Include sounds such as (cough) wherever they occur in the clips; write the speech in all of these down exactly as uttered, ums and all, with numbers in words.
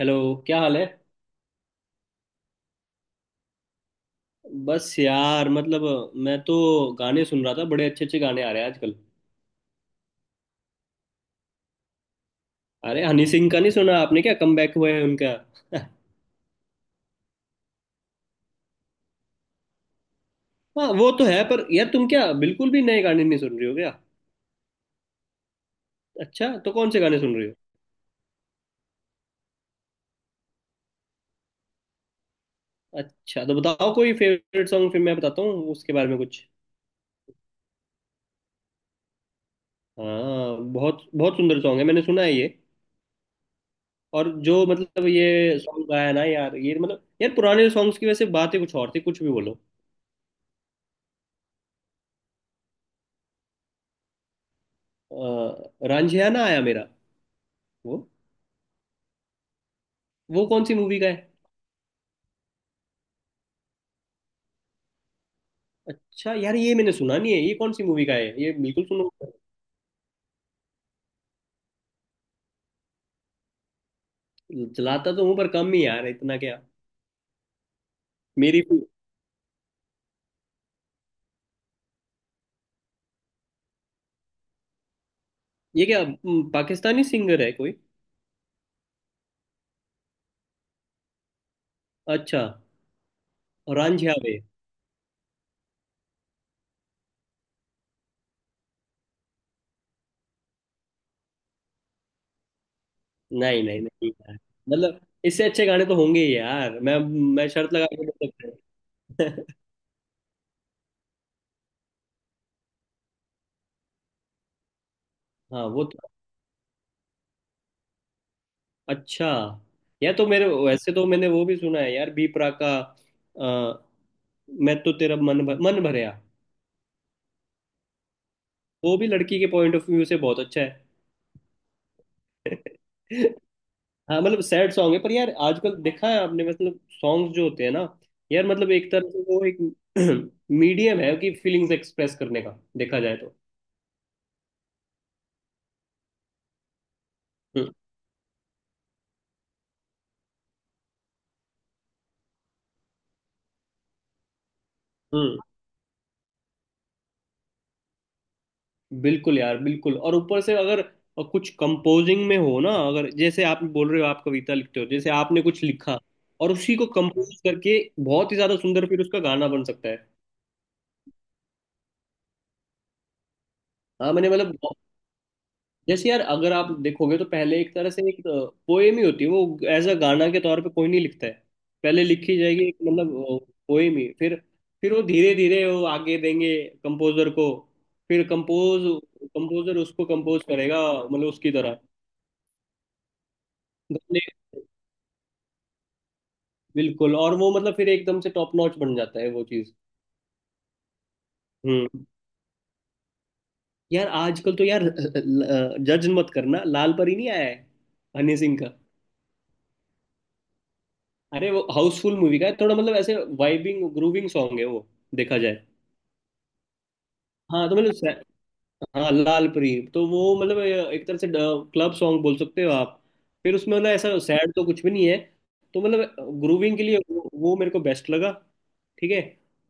Hello. क्या हाल है। बस यार मतलब मैं तो गाने सुन रहा था। बड़े अच्छे अच्छे गाने आ रहे हैं आजकल। अरे हनी सिंह का नहीं सुना आपने? क्या कमबैक हुआ है उनका। हाँ वो तो है पर यार तुम क्या बिल्कुल भी नए गाने नहीं सुन रही हो क्या? अच्छा तो कौन से गाने सुन रही हो? अच्छा तो बताओ कोई फेवरेट सॉन्ग, फिर मैं बताता हूँ उसके बारे में कुछ। हाँ बहुत बहुत सुंदर सॉन्ग है, मैंने सुना है ये। और जो मतलब ये सॉन्ग गाया ना यार, ये मतलब यार पुराने सॉन्ग्स की वैसे बात ही कुछ और थी, कुछ भी बोलो। अ, रांझियाना आया मेरा। वो वो कौन सी मूवी का है? अच्छा यार ये मैंने सुना नहीं है, ये कौन सी मूवी का है ये, बिल्कुल सुनो। चलाता तो हूँ पर कम ही यार, इतना क्या। मेरी। ये क्या हम्म, पाकिस्तानी सिंगर है कोई? अच्छा। रांझिया वे। नहीं नहीं नहीं यार मतलब इससे अच्छे गाने तो होंगे ही यार। मैं मैं शर्त लगा के बोल सकता हूँ। (laughs) हाँ वो तो। अच्छा। यार तो मेरे वैसे तो मैंने वो भी सुना है यार, बी प्राक का। अ, मैं तो तेरा मन भर, मन भरया। वो भी लड़की के पॉइंट ऑफ व्यू से बहुत अच्छा है। (laughs) हाँ मतलब सैड सॉन्ग है पर यार आजकल देखा है आपने मतलब सॉन्ग्स जो होते हैं ना। यार मतलब एक तरह से वो एक (clears throat) मीडियम है कि फीलिंग्स एक्सप्रेस करने का, देखा जाए तो। हम्म। हम्म। बिल्कुल यार बिल्कुल। और ऊपर से अगर कुछ कंपोजिंग में हो ना, अगर जैसे आप बोल रहे हो आप कविता लिखते हो, जैसे आपने कुछ लिखा और उसी को कंपोज करके बहुत ही ज्यादा सुंदर फिर उसका गाना बन सकता है। हाँ मैंने मतलब जैसे यार अगर आप देखोगे तो पहले एक तरह से एक पोएम ही होती है वो, एज अ गाना के तौर पे कोई नहीं लिखता है। पहले लिखी जाएगी एक मतलब पोएम ही। फिर फिर वो धीरे धीरे वो आगे देंगे कंपोजर को। फिर कंपोज, कंपोजर उसको कंपोज करेगा मतलब उसकी तरह गाने। बिल्कुल। और वो मतलब फिर एकदम से टॉप नॉच बन जाता है वो चीज। हम्म। यार आजकल तो यार जज मत करना, लाल परी नहीं आया है, हनी सिंह का। अरे वो हाउसफुल मूवी का है, थोड़ा मतलब ऐसे वाइबिंग ग्रूविंग सॉन्ग है वो, देखा जाए। हाँ तो मतलब सै- हाँ लाल परी तो वो मतलब एक तरह से क्लब सॉन्ग बोल सकते हो आप। फिर उसमें मतलब ऐसा सैड तो कुछ भी नहीं है। तो मतलब ग्रूविंग के लिए वो, वो मेरे को बेस्ट लगा। ठीक है।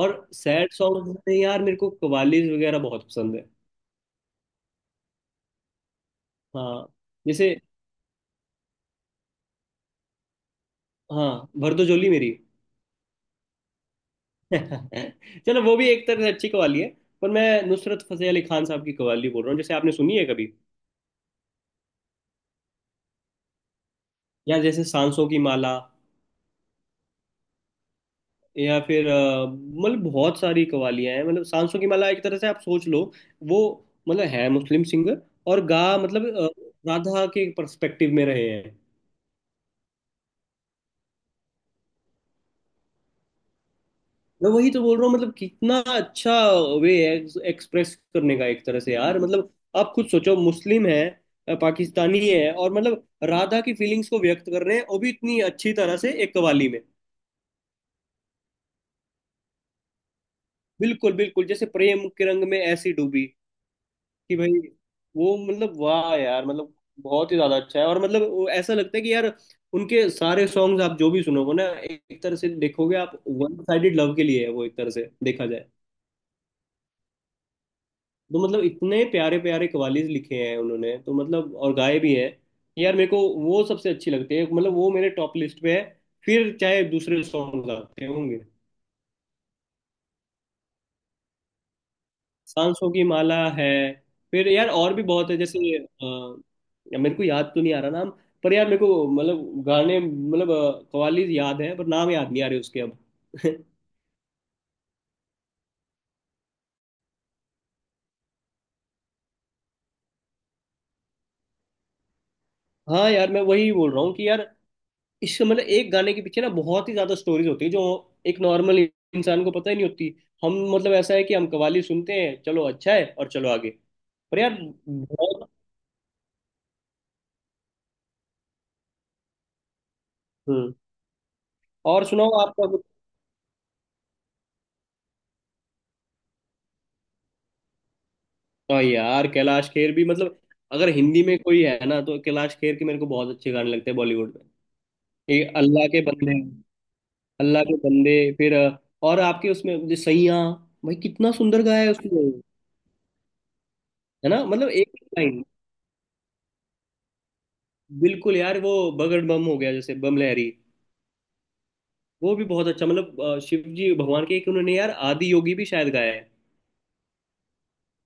और सैड सॉन्ग में यार मेरे को कवालीज वगैरह बहुत पसंद है। हाँ जैसे हाँ भर दो झोली मेरी। (laughs) चलो वो भी एक तरह से अच्छी कवाली है, पर मैं नुसरत फतेह अली खान साहब की कवाली बोल रहा हूँ, जैसे आपने सुनी है कभी? या जैसे सांसों की माला, या फिर अ, मतलब बहुत सारी कवालियां हैं। मतलब सांसों की माला एक तरह से आप सोच लो वो। मतलब है मुस्लिम सिंगर और गा मतलब अ, राधा के पर्सपेक्टिव में रहे हैं। मैं वही तो बोल रहा हूँ मतलब कितना अच्छा वे है एक्सप्रेस करने का एक तरह से, यार मतलब आप खुद सोचो, मुस्लिम है अ, पाकिस्तानी है और मतलब राधा की फीलिंग्स को व्यक्त कर रहे हैं वो भी इतनी अच्छी तरह से एक कवाली में। बिल्कुल बिल्कुल। जैसे प्रेम के रंग में ऐसी डूबी कि भाई वो मतलब वाह यार मतलब बहुत ही ज्यादा अच्छा है। और मतलब वो ऐसा लगता है कि यार उनके सारे सॉन्ग्स आप जो भी सुनोगे ना, एक तरह से देखोगे आप, वन साइडेड लव के लिए है वो, एक तरह से देखा जाए। तो मतलब इतने प्यारे प्यारे कवालीज लिखे हैं उन्होंने, तो मतलब और गाए भी हैं यार। मेरे को वो सबसे अच्छी लगती है, मतलब वो मेरे टॉप लिस्ट पे है, फिर चाहे दूसरे सॉन्ग आते होंगे। सांसों की माला है। फिर यार और भी बहुत है, जैसे अ, मेरे को याद तो नहीं आ रहा नाम, पर यार मेरे को मतलब गाने मतलब अ, कव्वाली याद है पर नाम याद नहीं आ रहे उसके अब। (laughs) हाँ यार मैं वही बोल रहा हूँ कि यार इस मतलब एक गाने के पीछे ना बहुत ही ज्यादा स्टोरीज होती है जो एक नॉर्मल इंसान को पता ही नहीं होती। हम मतलब ऐसा है कि हम कव्वाली सुनते हैं, चलो अच्छा है और चलो आगे। पर यार बहुत। हम्म। और सुनाओ आपका। हाँ यार कैलाश खेर भी मतलब अगर हिंदी में कोई है ना, तो कैलाश खेर के मेरे को बहुत अच्छे गाने लगते हैं बॉलीवुड में। ये अल्लाह के बंदे। अल्लाह के बंदे फिर अ, और आपके उसमें जो सैयां, भाई कितना सुंदर गाया है उसने। है ना मतलब एक लाइन। बिल्कुल यार वो बगड़ बम हो गया, जैसे बम लहरी। वो भी बहुत अच्छा मतलब अ, शिव जी भगवान के, एक उन्होंने यार आदि योगी भी शायद गाया है।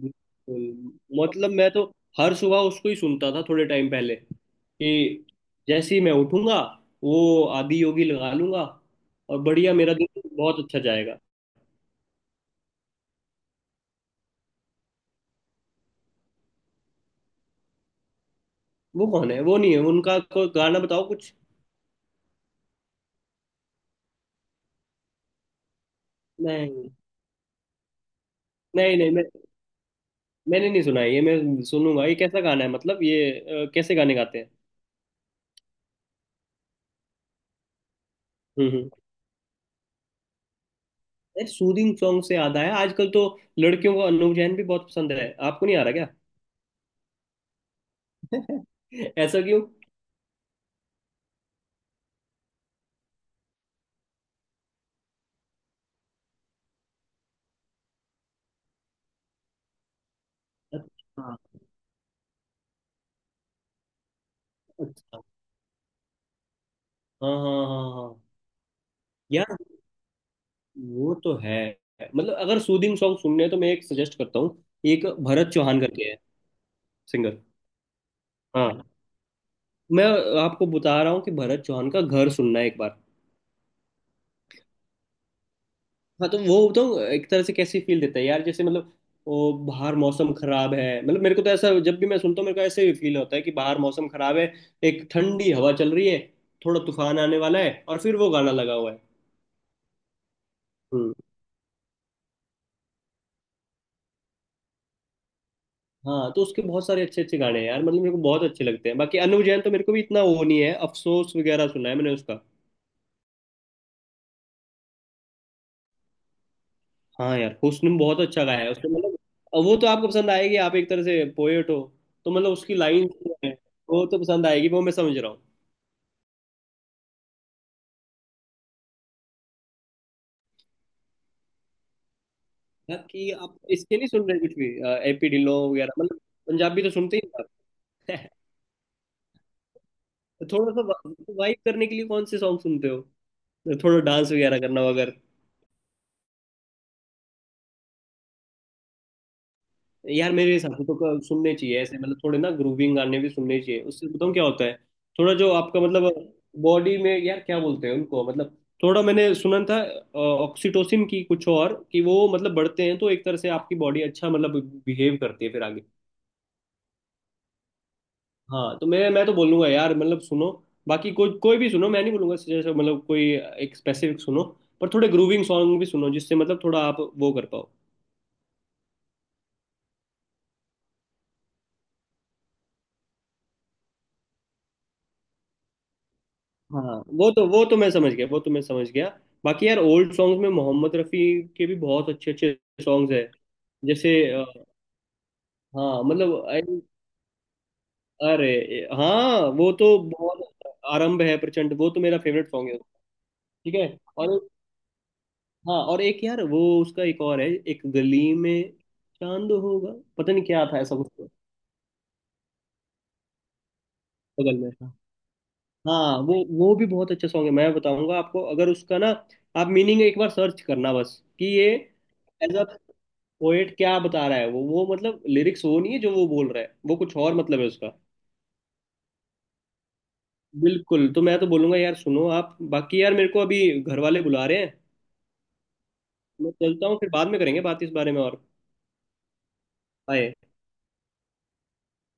बिल्कुल। मतलब मैं तो हर सुबह उसको ही सुनता था थोड़े टाइम पहले, कि जैसे ही मैं उठूंगा वो आदि योगी लगा लूंगा और बढ़िया मेरा दिन बहुत अच्छा जाएगा। वो कौन है? वो नहीं है, उनका कोई गाना बताओ कुछ। नहीं नहीं नहीं मैं मैंने नहीं सुना है ये, मैं सुनूंगा। ये कैसा गाना है मतलब ये अ, कैसे गाने गाते हैं? हम्म। सूदिंग सॉन्ग से याद आया आजकल तो लड़कियों को अनूप जैन भी बहुत पसंद है, आपको नहीं आ रहा क्या? (laughs) ऐसा क्यों? अच्छा अच्छा। हाँ हाँ हाँ हाँ। यार वो तो है, मतलब अगर सूदिंग सॉन्ग सुनने हैं तो मैं एक सजेस्ट करता हूँ। एक भरत चौहान करके है सिंगर। हाँ मैं आपको बता रहा हूँ कि भरत चौहान का घर सुनना है एक बार। हाँ तो वो तो एक तरह से कैसी फील देता है यार, जैसे मतलब वो बाहर मौसम खराब है, मतलब मेरे को तो ऐसा, जब भी मैं सुनता हूँ मेरे को ऐसे ही फील होता है कि बाहर मौसम खराब है, एक ठंडी हवा चल रही है, थोड़ा तूफान आने वाला है और फिर वो गाना लगा हुआ है। हम्म। हाँ तो उसके बहुत सारे अच्छे अच्छे गाने हैं यार, मतलब मेरे को बहुत अच्छे लगते हैं। बाकी अनु जैन तो मेरे को भी इतना वो नहीं है, अफसोस वगैरह सुना है मैंने उसका। हाँ यार हुस्न में बहुत अच्छा गाया है उसने मतलब। अब वो तो आपको पसंद आएगी, आप एक तरह से पोएट हो, तो मतलब उसकी लाइन वो तो पसंद आएगी वो, मैं समझ रहा हूँ। बाकी आप इसके नहीं सुन रहे कुछ भी? एपी ढिल्लों वगैरह मतलब, पंजाबी तो सुनते ही हो आप। (laughs) थोड़ा सा वाइब करने के लिए कौन से सॉन्ग सुनते हो, थोड़ा डांस वगैरह करना। यार मेरे हिसाब से तो क- सुनने चाहिए ऐसे मतलब थोड़े ना ग्रूविंग गाने भी सुनने चाहिए, उससे बताऊँ क्या होता है। थोड़ा जो आपका मतलब बॉडी में यार क्या बोलते हैं उनको, मतलब थोड़ा मैंने सुना था ऑक्सीटोसिन की कुछ, और कि वो मतलब बढ़ते हैं तो एक तरह से आपकी बॉडी अच्छा मतलब बिहेव करती है फिर आगे। हाँ तो मैं मैं तो बोलूंगा यार मतलब सुनो, बाकी कोई कोई भी सुनो, मैं नहीं बोलूंगा जैसे मतलब कोई एक स्पेसिफिक सुनो, पर थोड़े ग्रूविंग सॉन्ग भी सुनो जिससे मतलब थोड़ा आप वो कर पाओ। हाँ वो तो वो तो मैं समझ गया, वो तो मैं समझ गया। बाकी यार ओल्ड सॉन्ग्स में मोहम्मद रफ़ी के भी बहुत अच्छे अच्छे सॉन्ग्स हैं। जैसे अ, हाँ मतलब I- अरे हाँ वो तो बहुत आरंभ है प्रचंड, वो तो मेरा फेवरेट सॉन्ग है। ठीक है। और हाँ और एक यार वो उसका एक और है, एक गली में चांद होगा, पता नहीं क्या था, ऐसा कुछ तो, बगल में था। हाँ वो वो भी बहुत अच्छा सॉन्ग है। मैं बताऊंगा आपको, अगर उसका ना आप मीनिंग एक बार सर्च करना बस, कि ये पोएट क्या बता रहा है, वो वो मतलब लिरिक्स वो नहीं है जो वो बोल रहा है, वो कुछ और मतलब है उसका। बिल्कुल। तो मैं तो बोलूंगा यार सुनो आप, बाकी यार मेरे को अभी घर वाले बुला रहे हैं, मैं चलता हूँ, फिर बाद में करेंगे बात इस बारे में और। बाय।